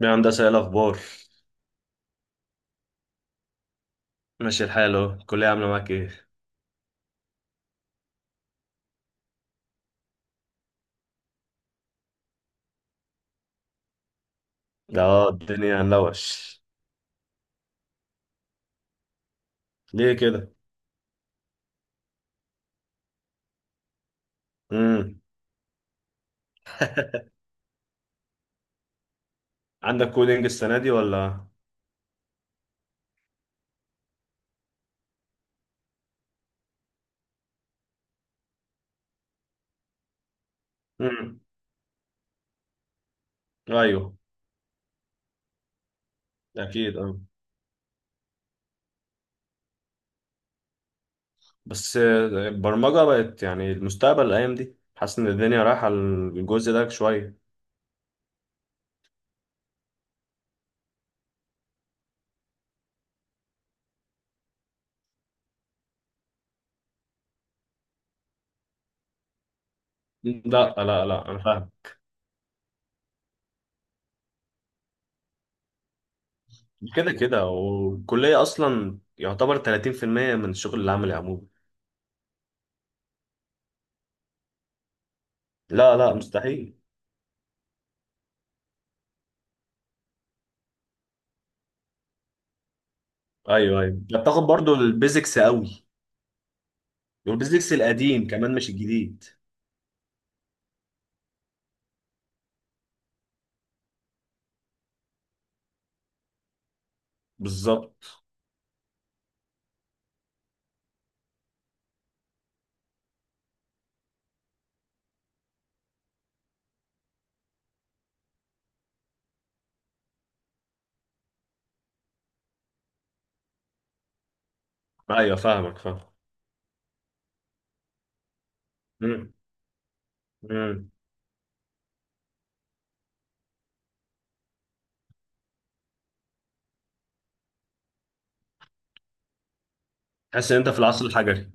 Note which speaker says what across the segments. Speaker 1: يا هندسة ايه الأخبار؟ ماشي الحال اهو. الكلية عاملة معاك ايه؟ اه الدنيا هنلوش. ليه كده؟ امم. عندك كودينج السنة دي ولا؟ امم، ايوه، أكيد، اه. بس البرمجة بقت يعني المستقبل الأيام دي، حاسس إن الدنيا رايحة الجزء ده شوية. لا لا لا، أنا فاهم. كده كده، والكلية أصلا يعتبر 30% من الشغل العملي عموما. لا لا، مستحيل. ايوه ايوه، بتاخد برضو البيزكس قوي. والبيزكس القديم كمان، مش الجديد. بالظبط. ايوه، فاهمك فاهم. مم. مم. تحس ان انت في العصر الحجري.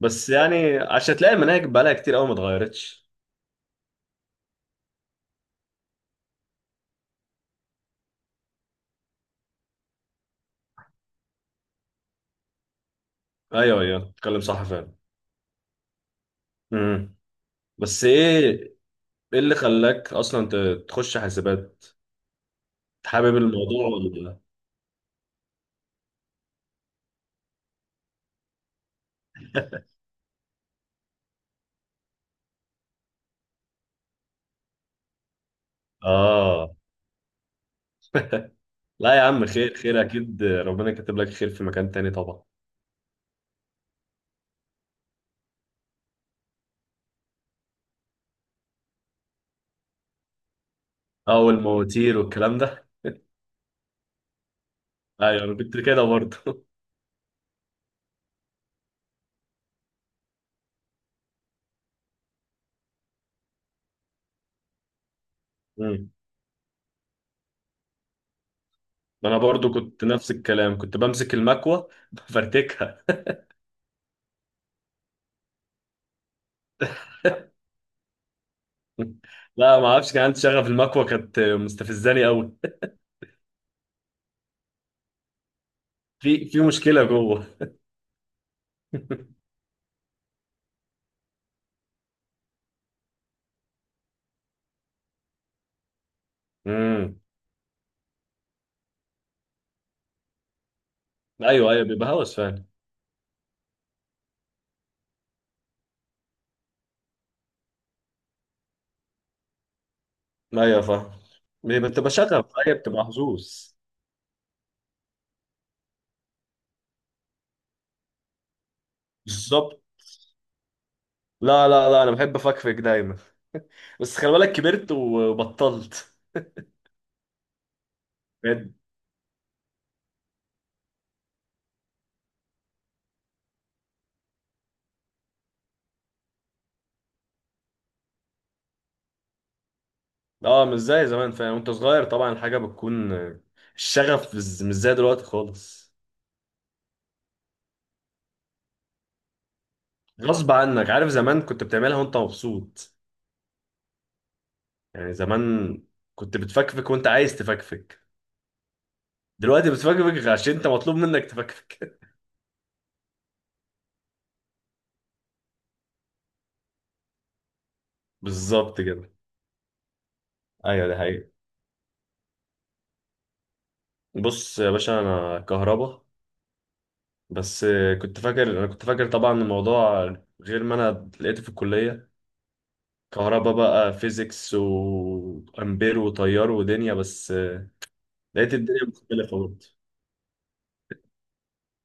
Speaker 1: بس يعني عشان تلاقي المناهج بقالها كتير قوي ما اتغيرتش. ايوه ايوه، تتكلم صح فعلا. مم. بس ايه، ايه اللي خلاك اصلا تخش حاسبات؟ حابب الموضوع ولا؟ اه. لا يا عم، خير خير، اكيد ربنا كاتب لك خير في مكان تاني طبعا. اه، والمواتير والكلام ده. ايوه انا كنت كده برضه. مم. انا برضه كنت نفس الكلام، كنت بمسك المكوه بفرتكها. لا، ما اعرفش، كان عندي شغف، المكوة كانت مستفزاني قوي. في مشكلة جوه. امم. ايوه ايوه، بيبقى هوس فعلا. ايوه فاهم. بتبقى شغف، ايوه بتبقى حظوظ. بالظبط. لا لا لا، انا بحب افكفك دايما. بس خلي بالك كبرت وبطلت. بجد. اه، مش زي زمان فعلا، وانت صغير طبعا الحاجة بتكون، الشغف مش زي دلوقتي خالص. غصب عنك، عارف زمان كنت بتعملها وانت مبسوط. يعني زمان كنت بتفكفك وانت عايز تفكفك. دلوقتي بتفكفك عشان انت مطلوب منك تفكفك. بالظبط كده. ايوه، دي حقيقة. بص يا باشا، انا كهربا. بس كنت فاكر انا كنت فاكر طبعا الموضوع غير ما انا لقيته في الكلية. كهربا بقى، فيزيكس وامبير وتيار ودنيا بس. لقيت الدنيا مختلفة برضه.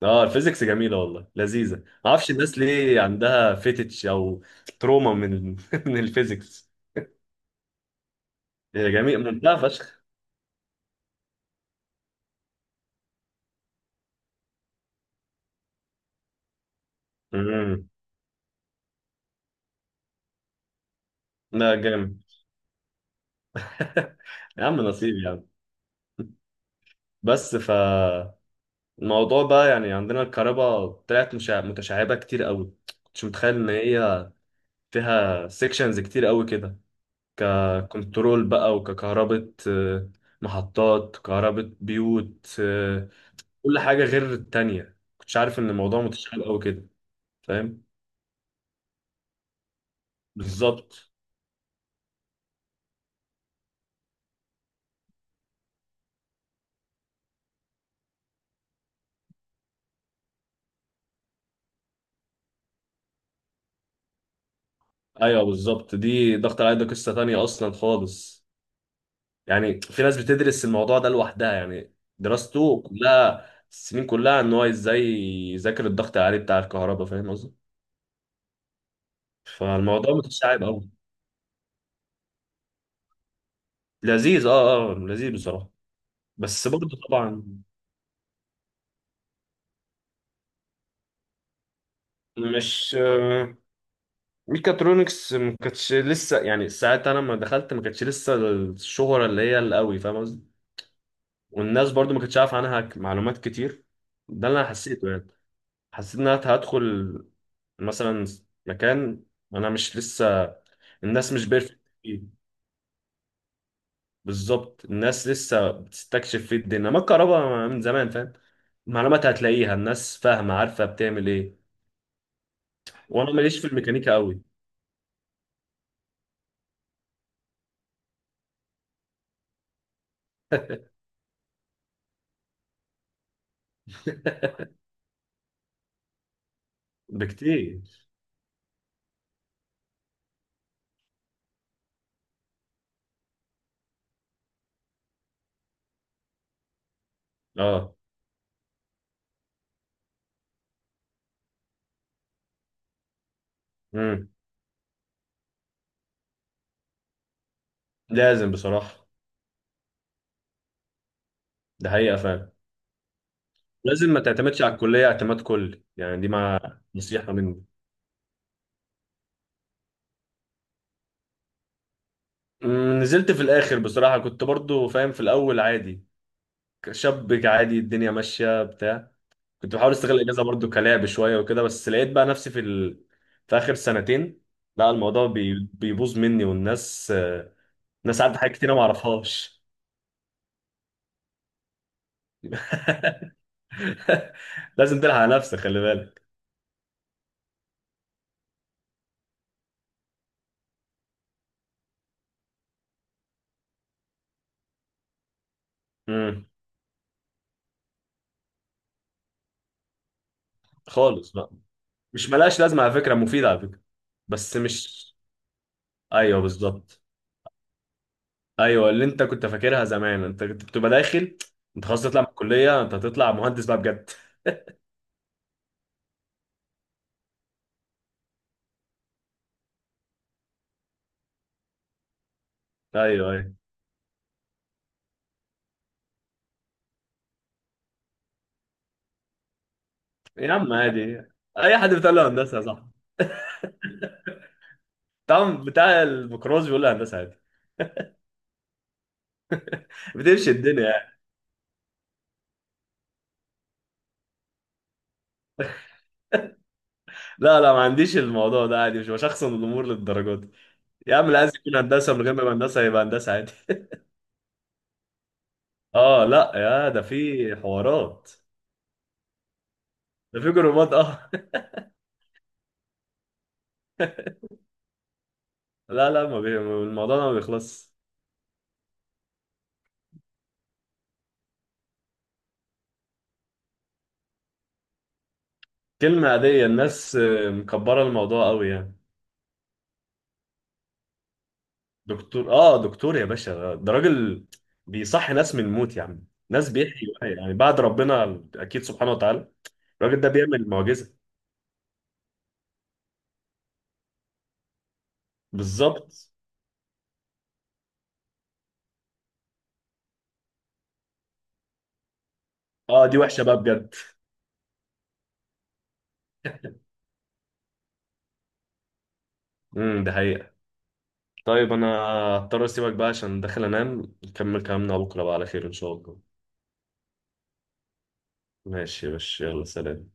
Speaker 1: اه، الفيزيكس جميلة والله، لذيذة، ما اعرفش الناس ليه عندها فيتش او تروما من من الفيزيكس. هي جميل ممتعة فشخ. امم. لا، جامد. يا عم نصيب يا عم. بس فالموضوع بقى، يعني عندنا الكهرباء طلعت متشعبة كتير قوي. كنتش متخيل ان هي فيها سيكشنز كتير قوي كده. ككنترول بقى وككهرباء، محطات كهرباء بيوت، كل حاجة غير التانية، كنتش عارف ان الموضوع متشعب قوي كده. فاهم. بالظبط. ايوه بالظبط، دي ضغط العيد ده قصة تانية اصلا خالص. يعني في ناس بتدرس الموضوع ده لوحدها، يعني دراسته كلها، السنين كلها، ان هو ازاي يذاكر الضغط العالي بتاع الكهرباء، فاهم قصدي. فالموضوع متشعب قوي. لذيذ، اه اه لذيذ بصراحة. بس برضه طبعا، مش ميكاترونكس ما كانتش لسه يعني ساعتها، انا لما دخلت ما كانتش لسه الشهرة اللي هي القوي، فاهم قصدي. والناس برضه ما كانتش عارف عنها معلومات كتير. ده اللي انا حسيته يعني. حسيت ان انا هدخل مثلا مكان، انا مش لسه الناس مش بيرفكت فيه. بالظبط، الناس لسه بتستكشف فيه، الدنيا ما الكهرباء من زمان فاهم. المعلومات هتلاقيها الناس فاهمة عارفة بتعمل ايه. وانا ماليش في الميكانيكا قوي. بكتير. اه. امم. لازم بصراحة. ده حقيقة فعلا. لازم ما تعتمدش على الكلية اعتماد كلي، يعني دي ما نصيحة مني. نزلت في الاخر بصراحة، كنت برضو فاهم في الاول عادي، شاب عادي الدنيا ماشيه بتاع. كنت بحاول استغل الاجازه برضو كلعب شويه وكده، بس لقيت بقى نفسي في اخر سنتين. لا، الموضوع بيبوظ مني، والناس الناس عارفه حاجات كتير، أنا ما اعرفهاش. لازم تلحق على نفسك، خلي بالك. امم. خالص بقى. مش ملاش لازمه على فكره، مفيده على فكره. بس مش، ايوه بالظبط. ايوه اللي انت كنت فاكرها زمان، انت كنت بتبقى داخل، انت خلاص تطلع من الكليه، انت هتطلع مهندس بقى بجد. ايوه ايوه. يا عم عادي. اي حد بتقول له هندسه يا صاحبي، بتاع الميكروز بيقول له هندسه عادي. بتمشي الدنيا يعني. لا لا، ما عنديش الموضوع ده، عادي، مش بشخصن الامور للدرجه دي. يا عم اللي عايز يكون هندسه من غير ما يبقى هندسه، يبقى هندسه عادي. اه لا يا، ده في حوارات، ده في جروبات، اه. لا لا، ما الموضوع ده ما بيخلص. كلمه عاديه، الناس مكبره الموضوع قوي يعني. دكتور، اه دكتور يا باشا، ده راجل بيصحي ناس من الموت، يا عم ناس بيحيوا يعني بعد ربنا اكيد سبحانه وتعالى. الراجل ده بيعمل معجزة. بالظبط. اه دي وحشة بقى بجد. امم. ده حقيقة. طيب انا هضطر اسيبك بقى عشان داخل انام، نكمل كلامنا بكرة بقى على خير ان شاء الله. ماشي يا باشا، يلا سلام.